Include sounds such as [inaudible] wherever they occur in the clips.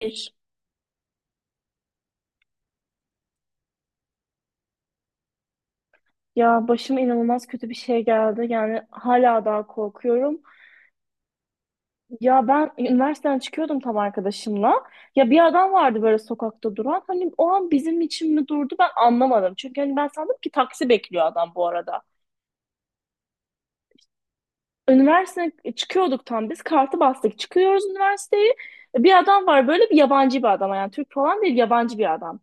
Bir. Ya başıma inanılmaz kötü bir şey geldi. Yani hala daha korkuyorum. Ya ben üniversiteden çıkıyordum tam arkadaşımla. Ya bir adam vardı böyle sokakta duran. Hani o an bizim için mi durdu ben anlamadım. Çünkü hani ben sandım ki taksi bekliyor adam bu arada. Üniversiteden çıkıyorduk tam biz. Kartı bastık. Çıkıyoruz üniversiteyi. Bir adam var böyle bir yabancı bir adam. Yani Türk falan değil yabancı bir adam.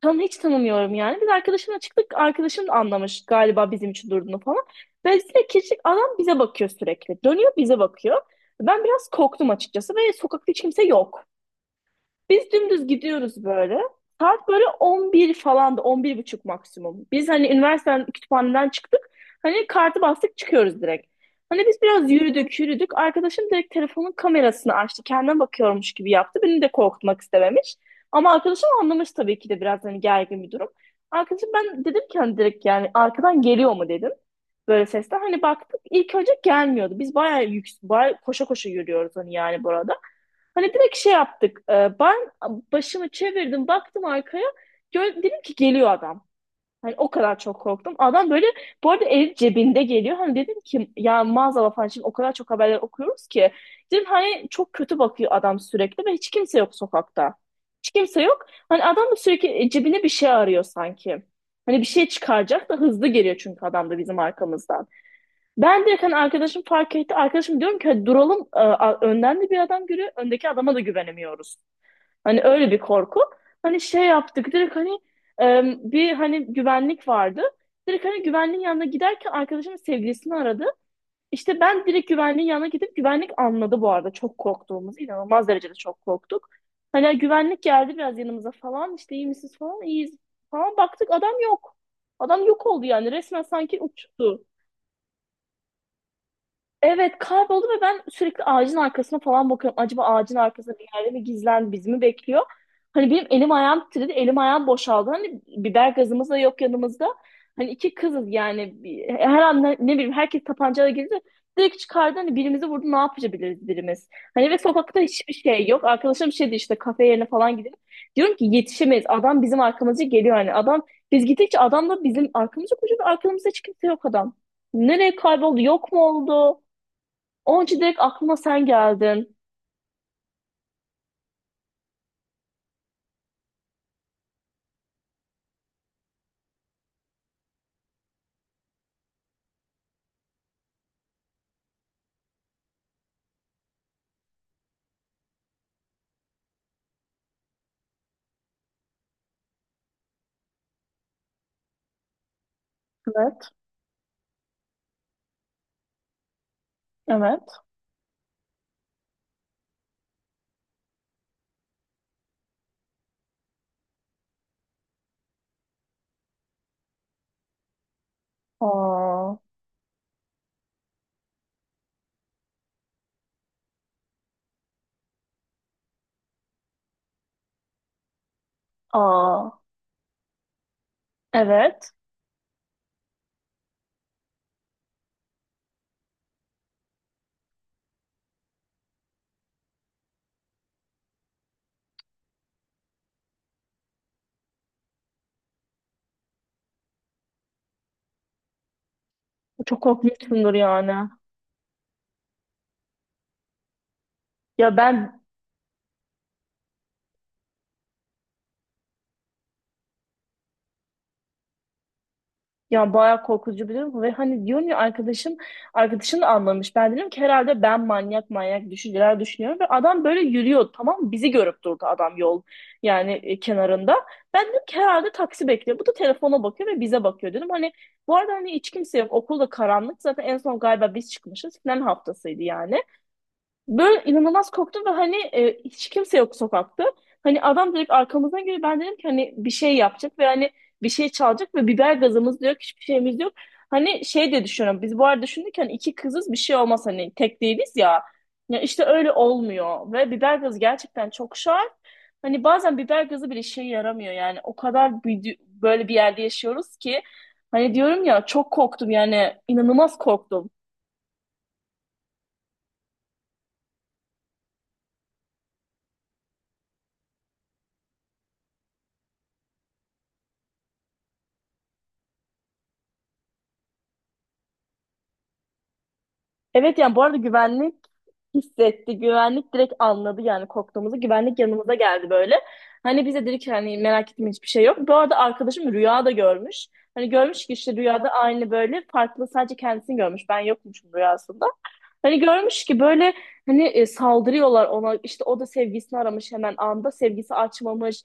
Tam hiç tanımıyorum yani. Biz arkadaşımla çıktık. Arkadaşım da anlamış galiba bizim için durduğunu falan. Dolayısıyla kirçlik adam bize bakıyor sürekli. Dönüyor bize bakıyor. Ben biraz korktum açıkçası ve sokakta hiç kimse yok. Biz dümdüz gidiyoruz böyle. Saat böyle 11 falan da 11 buçuk maksimum. Biz hani üniversiteden kütüphaneden çıktık. Hani kartı bastık çıkıyoruz direkt. Hani biz biraz yürüdük yürüdük. Arkadaşım direkt telefonun kamerasını açtı. Kendine bakıyormuş gibi yaptı. Beni de korkutmak istememiş. Ama arkadaşım anlamış tabii ki de biraz hani gergin bir durum. Arkadaşım ben dedim ki hani direkt yani arkadan geliyor mu dedim. Böyle sesler hani baktık ilk önce gelmiyordu. Biz bayağı, bayağı koşa koşa yürüyoruz hani yani burada. Hani direkt şey yaptık. Ben başımı çevirdim, baktım arkaya. Gör, dedim ki geliyor adam. Hani o kadar çok korktum. Adam böyle bu arada el cebinde geliyor. Hani dedim ki ya maazallah falan şimdi o kadar çok haberler okuyoruz ki. Dedim hani çok kötü bakıyor adam sürekli ve hiç kimse yok sokakta. Hiç kimse yok. Hani adam da sürekli cebine bir şey arıyor sanki. Hani bir şey çıkaracak da hızlı geliyor çünkü adam da bizim arkamızdan. Ben direkt hani arkadaşım fark etti. Arkadaşım diyorum ki "Hadi duralım. Önden de bir adam görüyor. Öndeki adama da güvenemiyoruz. Hani öyle bir korku. Hani şey yaptık. Direkt hani e, bir hani güvenlik vardı. Direkt hani güvenliğin yanına giderken arkadaşımın sevgilisini aradı. İşte ben direkt güvenliğin yanına gidip güvenlik anladı bu arada. Çok korktuğumuz. İnanılmaz derecede çok korktuk. Hani güvenlik geldi biraz yanımıza falan. İşte iyi misiniz falan. İyiyiz falan. Baktık adam yok. Adam yok oldu yani. Resmen sanki uçtu. Evet kayboldu ve ben sürekli ağacın arkasına falan bakıyorum. Acaba ağacın arkasında bir yerde mi gizlendi, bizi mi bekliyor? Hani benim elim ayağım titredi, elim ayağım boşaldı. Hani biber gazımız da yok yanımızda. Hani iki kızız yani her an ne bileyim herkes tabancayla girdi. Direkt çıkardı hani birimizi vurdu ne yapabiliriz birimiz. Hani ve sokakta hiçbir şey yok. Arkadaşım şey dedi işte kafe yerine falan gidelim. Diyorum ki yetişemeyiz. Adam bizim arkamızda geliyor hani. Biz gittikçe adam da bizim arkamızda koşuyor. Ve arkamızda hiç kimse yok adam. Nereye kayboldu? Yok mu oldu? Onun için direkt aklıma sen geldin. Evet. Evet. Aa, aa, evet. Çok korkmuşsundur yani. Ya ben Ya bayağı korkutucu biliyorum ve hani diyorum ya arkadaşım da anlamış. Ben dedim ki herhalde ben manyak manyak düşünceler düşünüyorum ve adam böyle yürüyor tamam mı? Bizi görüp durdu adam yol kenarında. Ben dedim ki herhalde taksi bekliyor. Bu da telefona bakıyor ve bize bakıyor dedim. Hani bu arada hani hiç kimse yok. Okul da karanlık. Zaten en son galiba biz çıkmışız. Final haftasıydı yani. Böyle inanılmaz korktum ve hani hiç kimse yok sokakta. Hani adam direkt arkamızdan geliyor. Ben dedim ki hani bir şey yapacak ve hani bir şey çalacak ve biber gazımız da yok, hiçbir şeyimiz yok. Hani şey de düşünüyorum. Biz bu arada düşündük ki hani iki kızız bir şey olmaz hani tek değiliz ya. Ya işte öyle olmuyor ve biber gazı gerçekten çok şart. Hani bazen biber gazı bile işe yaramıyor yani. O kadar böyle bir yerde yaşıyoruz ki hani diyorum ya çok korktum yani inanılmaz korktum. Evet yani bu arada güvenlik hissetti. Güvenlik direkt anladı yani korktuğumuzu. Güvenlik yanımıza geldi böyle. Hani bize dedik ki hani merak etme hiçbir şey yok. Bu arada arkadaşım rüya da görmüş. Hani görmüş ki işte rüyada aynı böyle farklı sadece kendisini görmüş. Ben yokmuşum rüyasında. Hani görmüş ki böyle hani saldırıyorlar ona. İşte o da sevgisini aramış hemen anda. Sevgisi açmamış.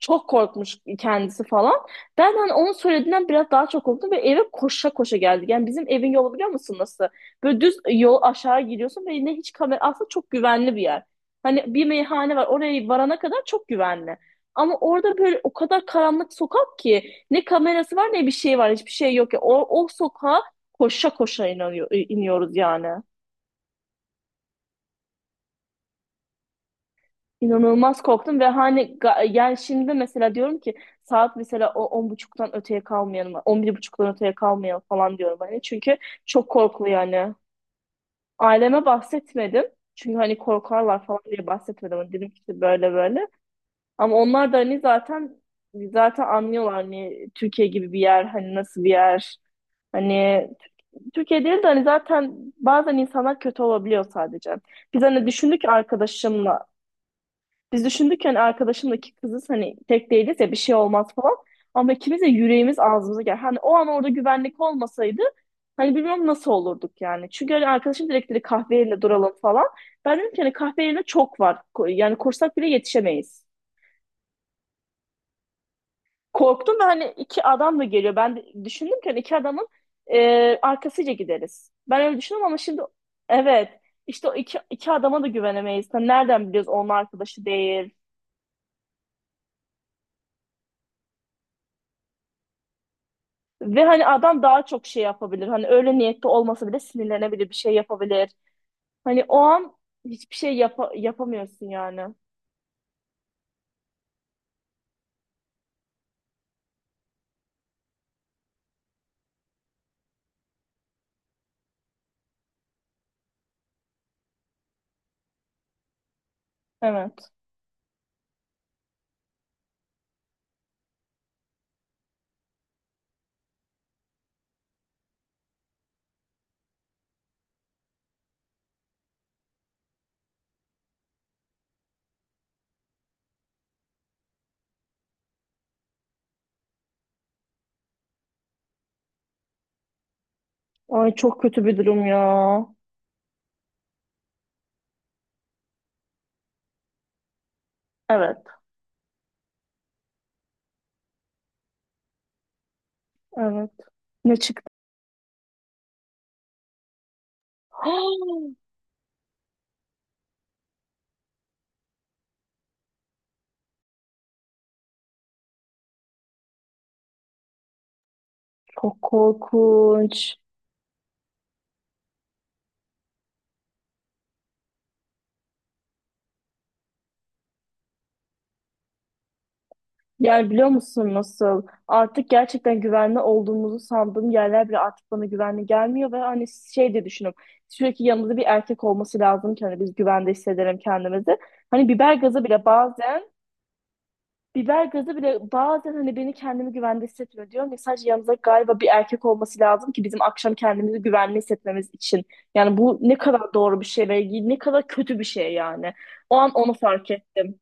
Çok korkmuş kendisi falan. Ben hani onun söylediğinden biraz daha çok korktum ve eve koşa koşa geldik. Yani bizim evin yolu biliyor musun nasıl? Böyle düz yol aşağı gidiyorsun ve yine hiç kamera aslında çok güvenli bir yer. Hani bir meyhane var oraya varana kadar çok güvenli. Ama orada böyle o kadar karanlık sokak ki ne kamerası var ne bir şey var hiçbir şey yok ya. O sokağa koşa koşa iniyoruz yani. İnanılmaz korktum ve hani yani şimdi mesela diyorum ki saat mesela o on buçuktan öteye kalmayalım, on bir buçuktan öteye kalmayalım falan diyorum hani çünkü çok korkulu yani. Aileme bahsetmedim çünkü hani korkarlar falan diye bahsetmedim. Hani dedim ki işte böyle böyle ama onlar da hani zaten anlıyorlar hani Türkiye gibi bir yer hani nasıl bir yer hani Türkiye değil de hani zaten bazen insanlar kötü olabiliyor sadece. Biz hani düşündük arkadaşımla biz düşündük ki hani arkadaşımdaki kızız hani tek değiliz ya bir şey olmaz falan. Ama ikimiz de yüreğimiz ağzımıza gel. Hani o an orada güvenlik olmasaydı hani bilmiyorum nasıl olurduk yani. Çünkü hani arkadaşım direkt dedi kahve yerine duralım falan. Ben dedim ki hani kahve yerine çok var. Yani kursak bile yetişemeyiz. Korktum ve hani iki adam da geliyor. Ben de düşündüm ki hani iki adamın arkasıyla gideriz. Ben öyle düşündüm ama şimdi evet işte o iki adama da güvenemeyiz. Hani nereden biliyoruz onun arkadaşı değil. Ve hani adam daha çok şey yapabilir. Hani öyle niyetli olmasa bile sinirlenebilir, bir şey yapabilir. Hani o an hiçbir şey yapamıyorsun yani. Evet. Ay çok kötü bir durum ya. Evet, evet. Ne çıktı? [gasps] Çok korkunç. Yani biliyor musun nasıl? Artık gerçekten güvenli olduğumuzu sandığım yerler bile artık bana güvenli gelmiyor ve hani şey de düşünüyorum. Sürekli yanımızda bir erkek olması lazım ki hani biz güvende hissedelim kendimizi. Hani biber gazı bile bazen Biber gazı bile bazen hani beni kendimi güvende hissetmiyor diyorum. Ya, sadece yanımızda galiba bir erkek olması lazım ki bizim akşam kendimizi güvenli hissetmemiz için. Yani bu ne kadar doğru bir şey ve ne kadar kötü bir şey yani. O an onu fark ettim.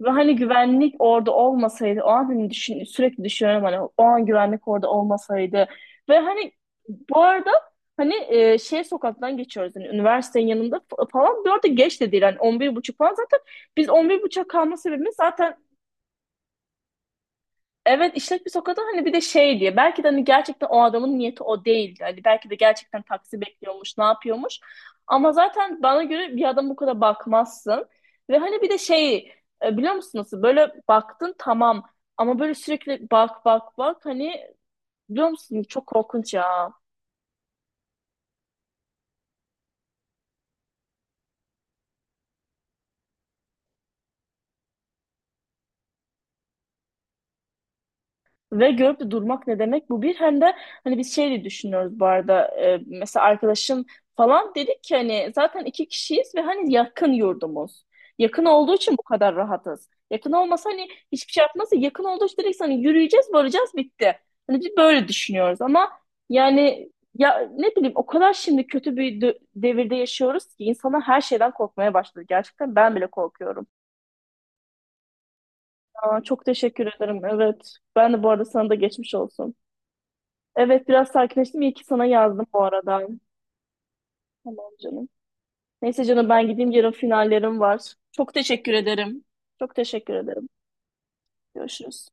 Ve hani güvenlik orada olmasaydı, o an hani düşün, sürekli düşünüyorum hani o an güvenlik orada olmasaydı. Ve hani bu arada hani şey sokaktan geçiyoruz hani üniversitenin yanında falan. Bu arada geç de değil hani 11 buçuk falan zaten biz 11 buçuk kalma sebebimiz zaten. Evet işlek bir sokakta hani bir de şey diye belki de hani gerçekten o adamın niyeti o değildi. Hani belki de gerçekten taksi bekliyormuş, ne yapıyormuş. Ama zaten bana göre bir adam bu kadar bakmazsın. Ve hani bir de şey biliyor musun nasıl böyle baktın tamam ama böyle sürekli bak bak bak hani biliyor musun çok korkunç ya. Ve görüp de durmak ne demek bu bir hem de hani biz şey de düşünüyoruz bu arada mesela arkadaşım falan dedik ki hani zaten iki kişiyiz ve hani yakın yurdumuz. Yakın olduğu için bu kadar rahatız. Yakın olmasa hani hiçbir şey yapmazsa yakın olduğu için direkt hani yürüyeceğiz varacağız bitti. Hani biz böyle düşünüyoruz ama yani ya ne bileyim o kadar şimdi kötü bir devirde yaşıyoruz ki insanlar her şeyden korkmaya başladı. Gerçekten ben bile korkuyorum. Aa, çok teşekkür ederim. Evet. Ben de bu arada sana da geçmiş olsun. Evet biraz sakinleştim. İyi ki sana yazdım bu arada. Tamam canım. Neyse canım ben gideyim. Yarın finallerim var. Çok teşekkür ederim. Çok teşekkür ederim. Görüşürüz.